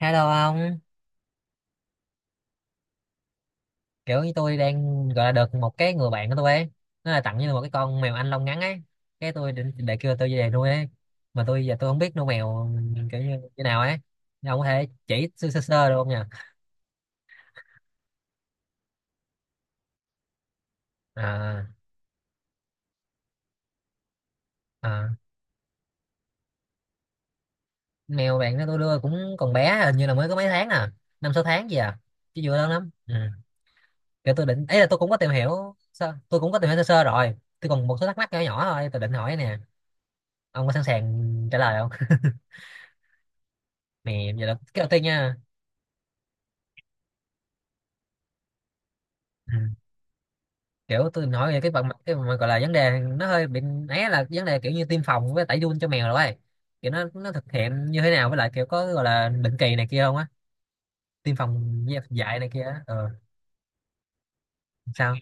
Hello ông, kiểu như tôi đang gọi là được một cái người bạn của tôi ấy, nó là tặng như là một cái con mèo Anh lông ngắn ấy, cái tôi định để kêu tôi về nuôi ấy, mà giờ tôi không biết nuôi mèo kiểu như như nào ấy, ông có thể chỉ sơ sơ, sơ được không nhỉ? À, à, mèo bạn đó tôi đưa cũng còn bé, hình như là mới có mấy tháng à, 5 6 tháng gì à, chứ vừa lớn lắm. Ừ. Kiểu tôi định, ấy là tôi cũng có tìm hiểu, sơ sơ rồi, tôi còn một số thắc mắc nhỏ nhỏ thôi, tôi định hỏi nè, ông có sẵn sàng trả lời không? Nè, giờ là cái đầu tiên nha. Ừ. Kiểu tôi nói về cái phần mặt cái mà gọi là vấn đề nó hơi bị ấy, là vấn đề kiểu như tiêm phòng với tẩy giun cho mèo rồi ấy. Kiểu nó thực hiện như thế nào với lại kiểu có gọi là định kỳ này kia không á, tiêm phòng với dạy này kia á. Ờ Sao?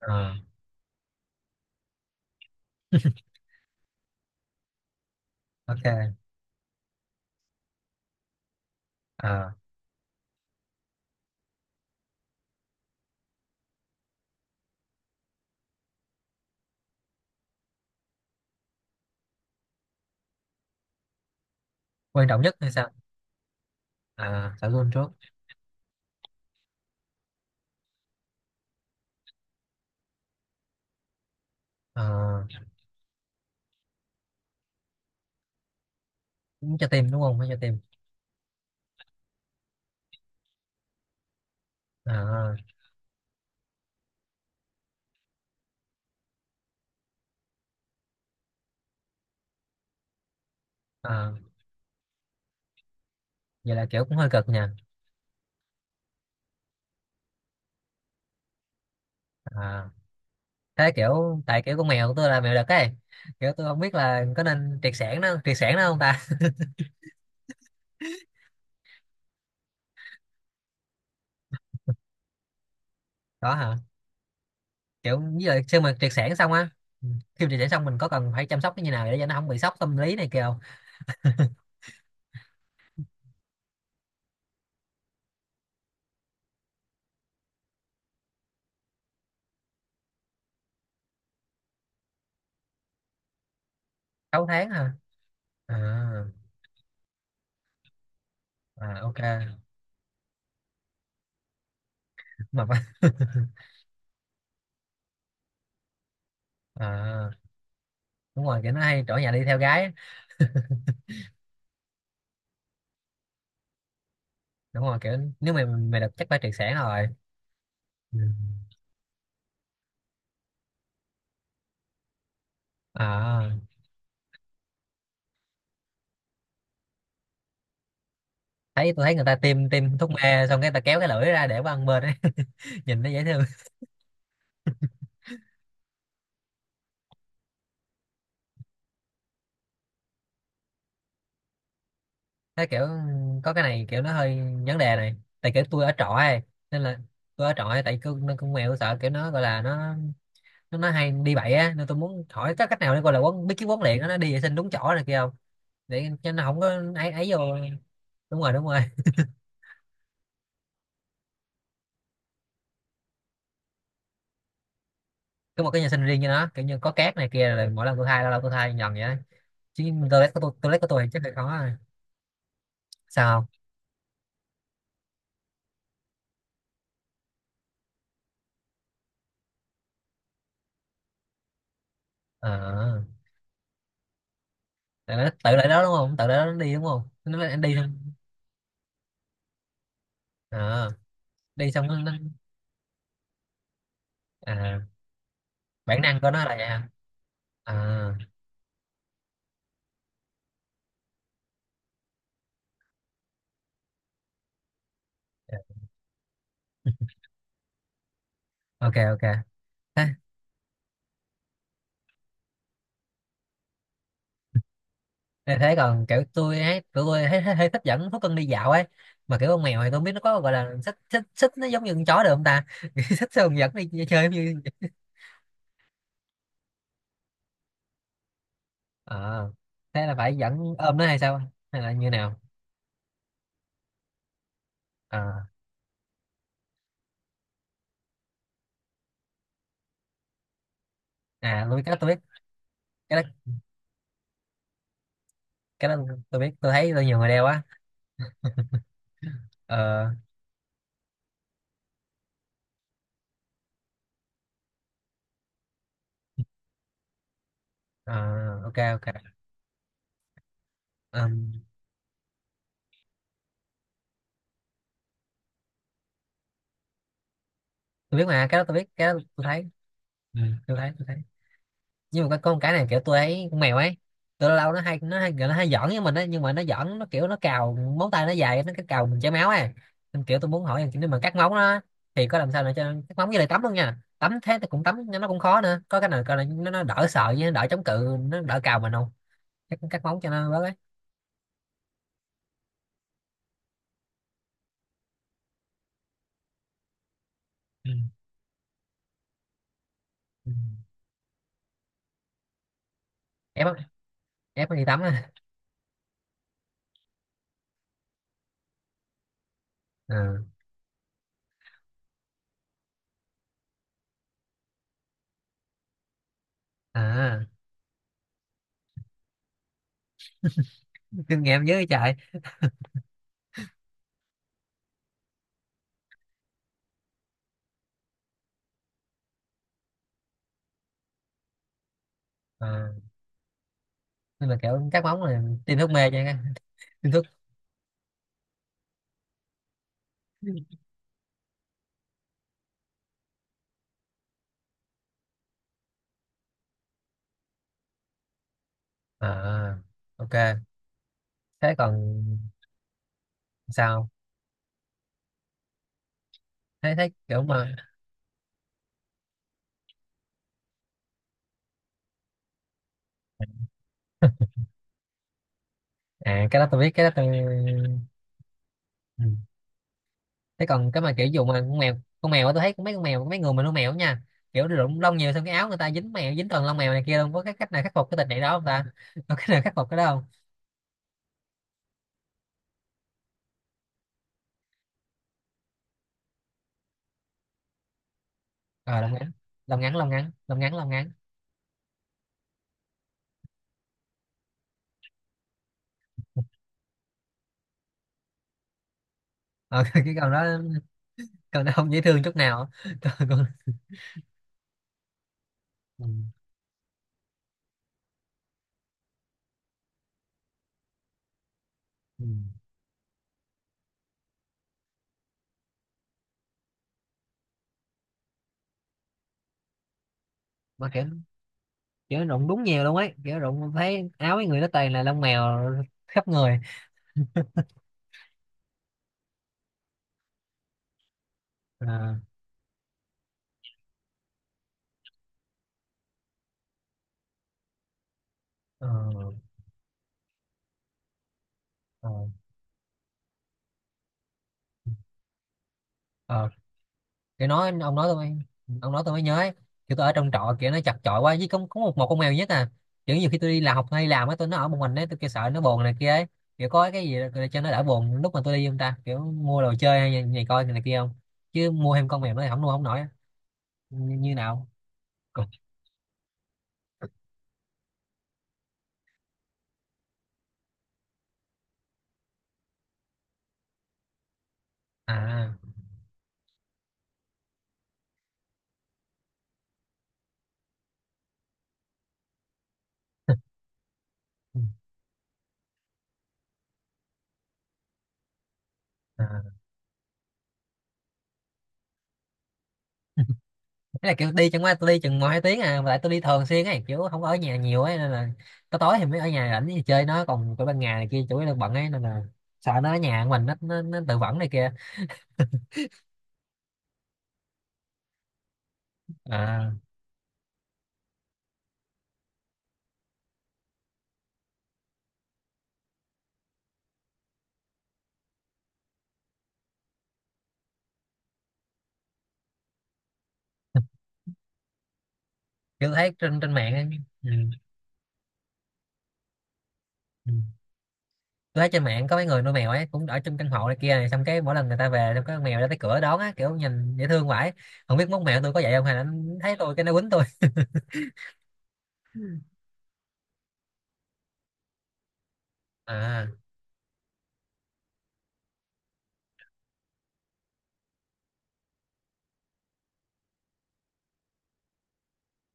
ờ ok. ờ Quan trọng nhất hay sao? Ờ Tẩy giun trước? ờ Cũng cho tiêm đúng không, phải cho tiêm? ờ ờ Vậy là kiểu cũng hơi cực nha. ờ Thế kiểu tại kiểu con mèo của tôi là mèo đực ấy, kiểu tôi không biết là có nên triệt sản nó không ta. Có hả? Kiểu như là khi mà triệt sản xong á, ừ, khi mà triệt sản xong mình có cần phải chăm sóc nó như nào để cho nó không bị sốc tâm lý này kia không? 6 tháng hả? À, à, ok. Mà À, đúng rồi, kiểu nó hay ở nhà đi theo gái á. Đúng rồi, kiểu nếu mày mày được chắc phải triệt sản rồi. Ừ. À, tôi thấy người ta tiêm tiêm thuốc mê xong cái ta kéo cái lưỡi ra để qua ăn bên ấy. Nhìn nó dễ thương. Thấy kiểu có cái này kiểu nó hơi vấn đề này, tại kiểu tôi ở trọ ấy nên là tôi ở trọ ấy, tại cứ nó con mèo sợ kiểu nó gọi là nó nói hay đi bậy á, nên tôi muốn hỏi có cách nào để coi là quán biết cái quán liền đó, nó đi vệ sinh đúng chỗ này kia không, để cho nó không có ấy, ấy vô. Đúng rồi, đúng rồi, có một cái nhà sinh riêng cho nó kiểu như có cát này kia rồi mỗi lần tôi thay, lâu lâu tôi thay nhần vậy đó. Chứ toilet của tôi thì chắc là khó rồi. Sao không? ờ Tại nó tự lại đó đúng không, tự lại đó nó đi đúng không, nó nói anh đi xong. ờ Đi xong nó à, bản năng của nó là vậy hả? à ok, ok. Thế thế còn kiểu tôi ấy, tụi tôi thấy thích dẫn thú cưng đi dạo ấy, mà kiểu con mèo thì tôi không biết nó có gọi là xích xích xích nó giống như con chó được không ta. Xích xong dẫn đi chơi như. Ờ, thế là phải dẫn ôm nó hay sao, hay là như nào? Ờ, à tôi biết cái đó, cái đó cái đó tôi thấy, nhiều người đeo á. ờ ờ, ok, ok. Ờm, tôi biết mà cái đó, tôi thấy, ừ, tôi thấy, nhưng mà cái con cái này kiểu tôi ấy, con mèo ấy, tôi lâu lâu nó hay giỡn với mình ấy nhưng mà nó giỡn nó kiểu nó cào móng tay nó dài nó cái cào mình chảy máu ấy, nên kiểu tôi muốn hỏi là nếu mà cắt móng nó thì có làm sao để cho cắt móng với lại tắm luôn nha, tắm thế thì cũng tắm nhưng nó cũng khó nữa, có cái nào coi là nó đỡ sợ với nó đỡ chống cự nó đỡ cào mình không, cắt móng cho nó bớt ấy. Ừ. Ừ. Ép á, ép nó đi tắm á? à, à Kinh nghiệm dưới trời. à, nhưng mà kiểu cắt móng là tiêm thuốc mê cho nha? Tiêm thuốc? À ok. Thế còn? Sao? Thấy thấy kiểu mà. À cái đó tôi biết, cái đó tôi. Ừ. Thế còn cái mà kiểu dùng mà con mèo, tôi thấy mấy con mèo mấy người mà nuôi mèo á nha, kiểu rụng lông nhiều xong cái áo người ta dính mèo dính toàn lông mèo này kia luôn, có cái cách nào khắc phục cái tình trạng đó không ta, có cách nào khắc phục cái đó không? Ờ, lông ngắn. Ờ, cái con đó, con đó không dễ thương chút nào. Con... Ừ. Ừ. Mà kiểu, kiểu rụng đúng nhiều luôn ấy, kiểu rụng thấy áo mấy người nó toàn là lông mèo khắp người. Ờ, ờ, ờ. Ờ, thì nói ông nói tôi mới nhớ ấy. Kiểu tôi ở trong trọ kiểu nó chật chội quá, với có một một con mèo duy nhất à, kiểu nhiều khi tôi đi làm học hay làm á nó ở một mình ấy, tôi kêu sợ nó buồn này kia ấy, kiểu có cái gì để cho nó đỡ buồn lúc mà tôi đi không ta, kiểu mua đồ chơi hay này coi này kia không, chứ mua thêm con mèo nó thì không nuôi không nổi á. Như nào? Còn- à, Ừ. À. Thế là kiểu đi, chẳng qua tôi đi chừng 1 2 tiếng à mà lại tôi đi thường xuyên ấy, kiểu không có ở nhà nhiều ấy nên là có tối thì mới ở nhà rảnh thì chơi nó, còn cái ban ngày này kia chủ yếu là bận ấy, nên là sợ nó ở nhà của mình nó tự vẫn này kia. À, kiểu tôi thấy trên trên mạng ấy. Ừ. Ừ. Tôi thấy trên mạng có mấy người nuôi mèo ấy cũng ở trong căn hộ này kia này, xong cái mỗi lần người ta về xong có con mèo ra tới cửa đón á, kiểu nhìn dễ thương vãi, không biết mốt mèo tôi có vậy không, hay là nó thấy tôi cái nó quýnh tôi. À.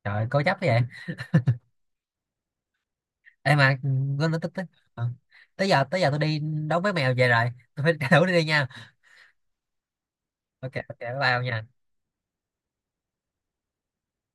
Trời, cố chấp vậy. Ê mà nó tích tích. Ờ. Tới giờ tôi đi đấu với mèo về rồi, tôi phải thử đi nha. Ok, ok, bye bye ông nha.